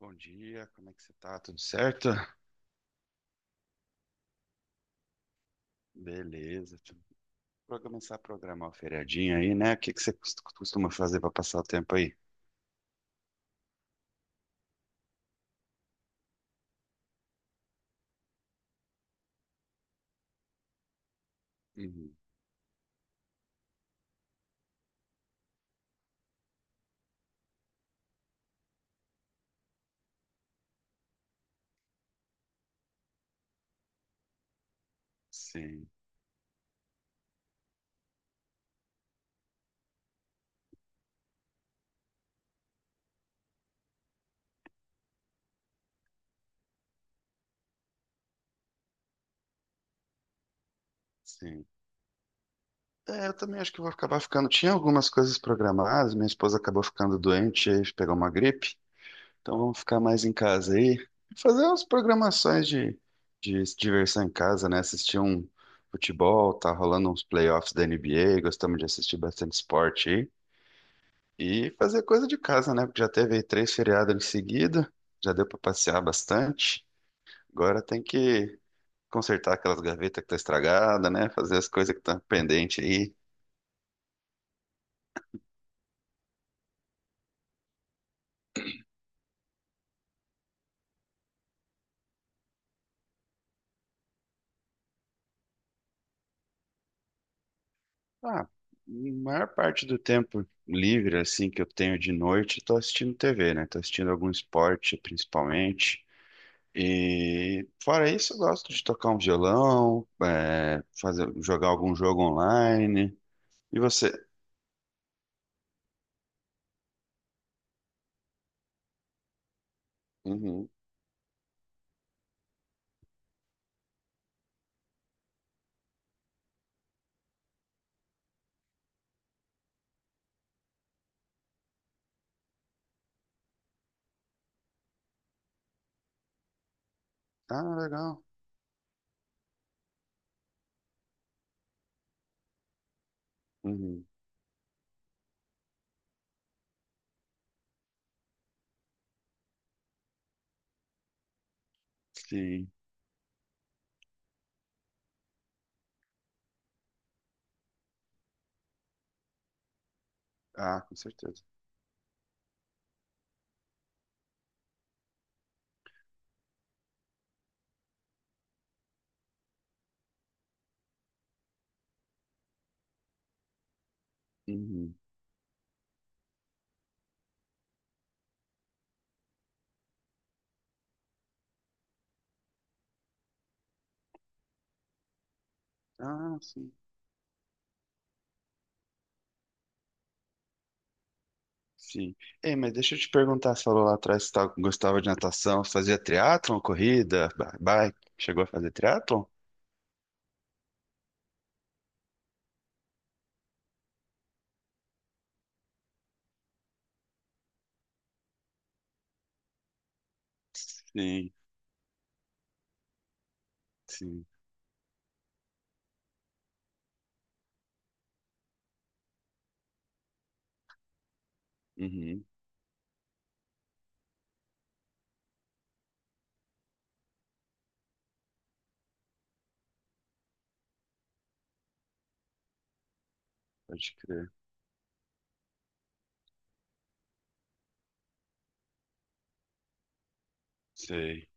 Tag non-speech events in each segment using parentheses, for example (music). Bom dia, como é que você tá? Tudo certo? Beleza. Pra começar a programar o feriadinho aí, né? O que que você costuma fazer pra passar o tempo aí? Uhum. Sim, sim. É, eu também acho que vou acabar ficando. Tinha algumas coisas programadas, minha esposa acabou ficando doente, aí pegou uma gripe. Então vamos ficar mais em casa aí. Fazer umas programações de diversão em casa, né? Assistir um futebol, tá rolando uns playoffs da NBA, gostamos de assistir bastante esporte. E fazer coisa de casa, né? Porque já teve aí três feriados em seguida, já deu para passear bastante. Agora tem que consertar aquelas gavetas que tá estragada, né? Fazer as coisas que estão pendentes aí. Ah, a maior parte do tempo livre, assim, que eu tenho de noite, eu tô assistindo TV, né? Tô assistindo algum esporte, principalmente. E fora isso, eu gosto de tocar um violão, é, fazer, jogar algum jogo online. E você? Uhum. Ah, legal. Uhum. Sim. Ah, com certeza. Uhum. Ah, sim. Sim. Ei, mas deixa eu te perguntar, você falou lá atrás que gostava de natação, você fazia triatlon, corrida, bike, chegou a fazer triatlon? Sim, sim. Uhum, pode crer. Sei.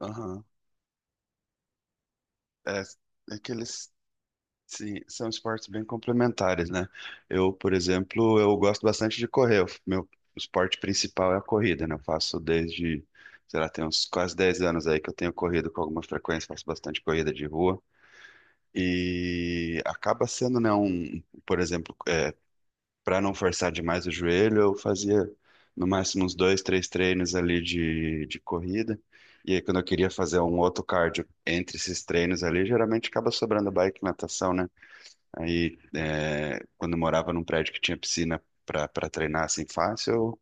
Aham. É, é que eles, sim, são esportes bem complementares, né? Eu, por exemplo, eu gosto bastante de correr. Meu esporte principal é a corrida, né? Eu faço desde, sei lá, tem uns quase 10 anos aí que eu tenho corrido com alguma frequência, faço bastante corrida de rua. E acaba sendo, né, um, por exemplo, é, para não forçar demais o joelho, eu fazia no máximo uns dois, três treinos ali de corrida. E aí, quando eu queria fazer um outro cardio entre esses treinos ali, geralmente acaba sobrando bike e natação, né? Aí, é, quando eu morava num prédio que tinha piscina para treinar assim fácil,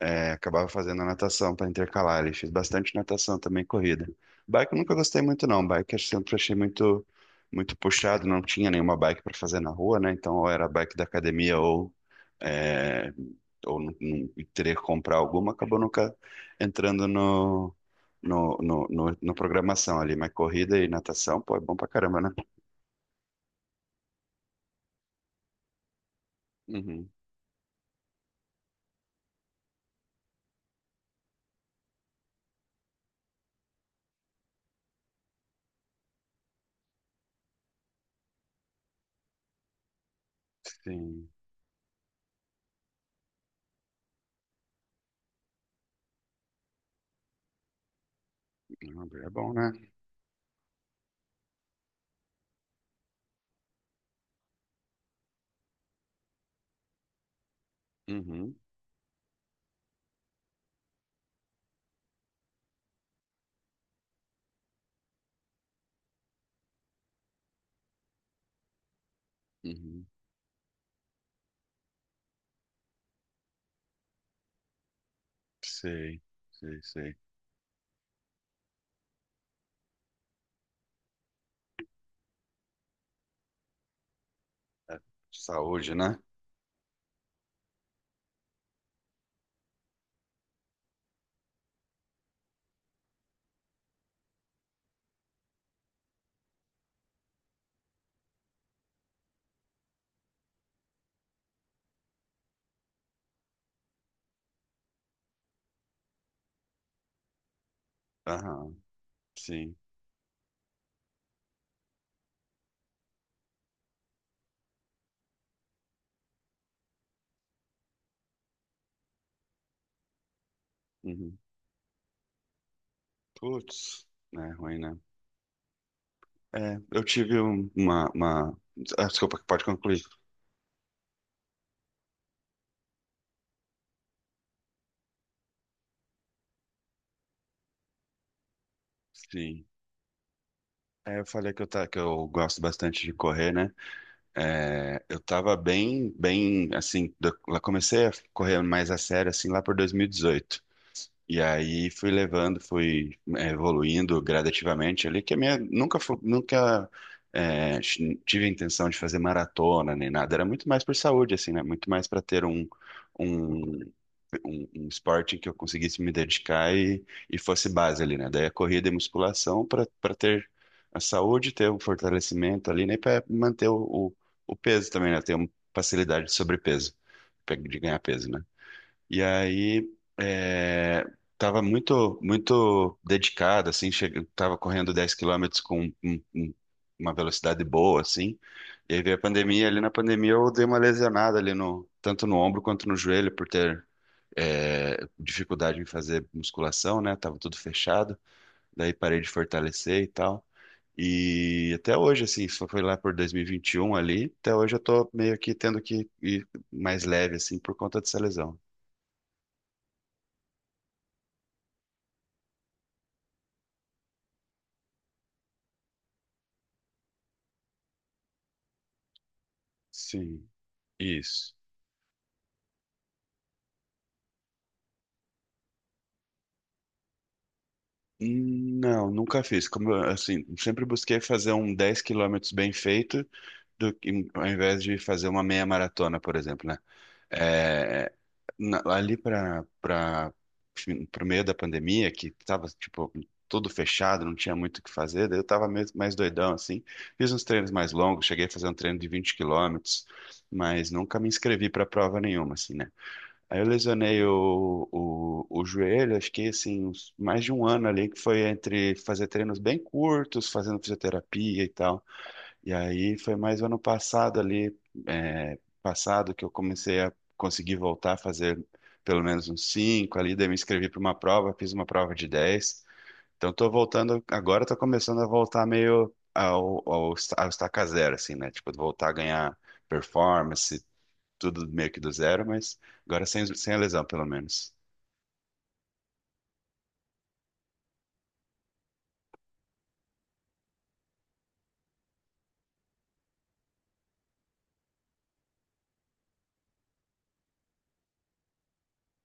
é, acabava fazendo a natação para intercalar. Ele fez bastante natação também, corrida. Bike eu nunca gostei muito, não. Bike eu sempre achei muito, muito puxado, não tinha nenhuma bike para fazer na rua, né? Então, ou era bike da academia ou, é, ou teria que comprar alguma. Acabou nunca entrando no programação ali. Mas corrida e natação, pô, é bom pra caramba, né? Uhum. Sim. Não, é bom, né? Uhum. Uhum. Sei, sei. É, saúde, né? Aham, sim. Uhum. Putz, é ruim, né? É, eu tive uma... Ah, desculpa, pode concluir. Sim. É, eu falei que tá que eu gosto bastante de correr, né? É, eu tava bem, bem, assim, lá comecei a correr mais a sério, assim, lá por 2018. E aí fui levando, fui evoluindo gradativamente ali, que a minha nunca tive a intenção de fazer maratona nem nada, era muito mais por saúde assim, né? Muito mais para ter um, um esporte que eu conseguisse me dedicar e fosse base ali, né? Daí a corrida e musculação para ter a saúde, ter o fortalecimento ali, né? Para manter o peso também, né? Ter uma facilidade de sobrepeso, de ganhar peso, né? E aí é, tava muito dedicado, assim, tava correndo 10 quilômetros com uma velocidade boa, assim. E aí veio a pandemia, ali na pandemia eu dei uma lesionada ali no tanto no ombro quanto no joelho por ter é, dificuldade em fazer musculação, né? Tava tudo fechado, daí parei de fortalecer e tal. E até hoje, assim, só foi lá por 2021 ali, até hoje eu tô meio que tendo que ir mais leve, assim, por conta dessa lesão. Sim. Isso. Não, nunca fiz. Como eu, assim, sempre busquei fazer um 10 quilômetros bem feito, ao invés de fazer uma meia maratona, por exemplo, né? É, ali para o meio da pandemia, que estava tipo tudo fechado, não tinha muito o que fazer, daí eu estava mais doidão assim. Fiz uns treinos mais longos, cheguei a fazer um treino de 20 quilômetros, mas nunca me inscrevi para prova nenhuma, assim, né? Aí eu lesionei o joelho, acho que assim, mais de um ano ali, que foi entre fazer treinos bem curtos, fazendo fisioterapia e tal. E aí foi mais o ano passado ali, que eu comecei a conseguir voltar a fazer pelo menos uns cinco ali, daí me inscrevi para uma prova, fiz uma prova de 10. Então tô voltando, agora tô começando a voltar meio ao estaca zero, assim, né? Tipo, voltar a ganhar performance, tudo meio que do zero, mas agora sem, sem a lesão, pelo menos.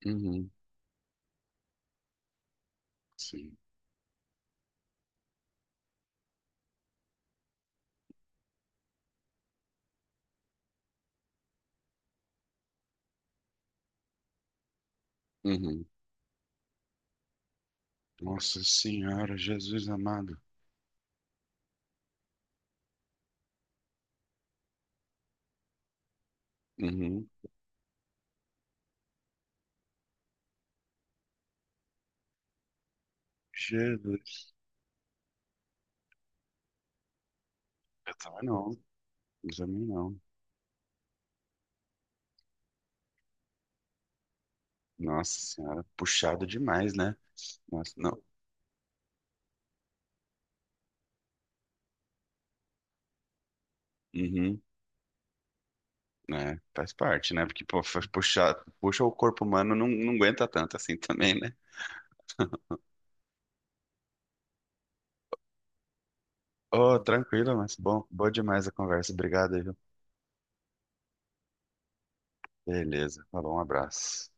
Uhum, sim. Uhum. Nossa Senhora, Jesus amado. Uhum. Jesus. Eu também não, eu também não. Nossa Senhora, puxado demais, né? Nossa, não. Uhum. É, faz parte, né? Porque pô, faz puxar, puxa o corpo humano não, não aguenta tanto assim (laughs) também, né? Oh, tranquilo, mas bom, boa demais a conversa. Obrigado, aí, viu? Beleza. Falou, um abraço.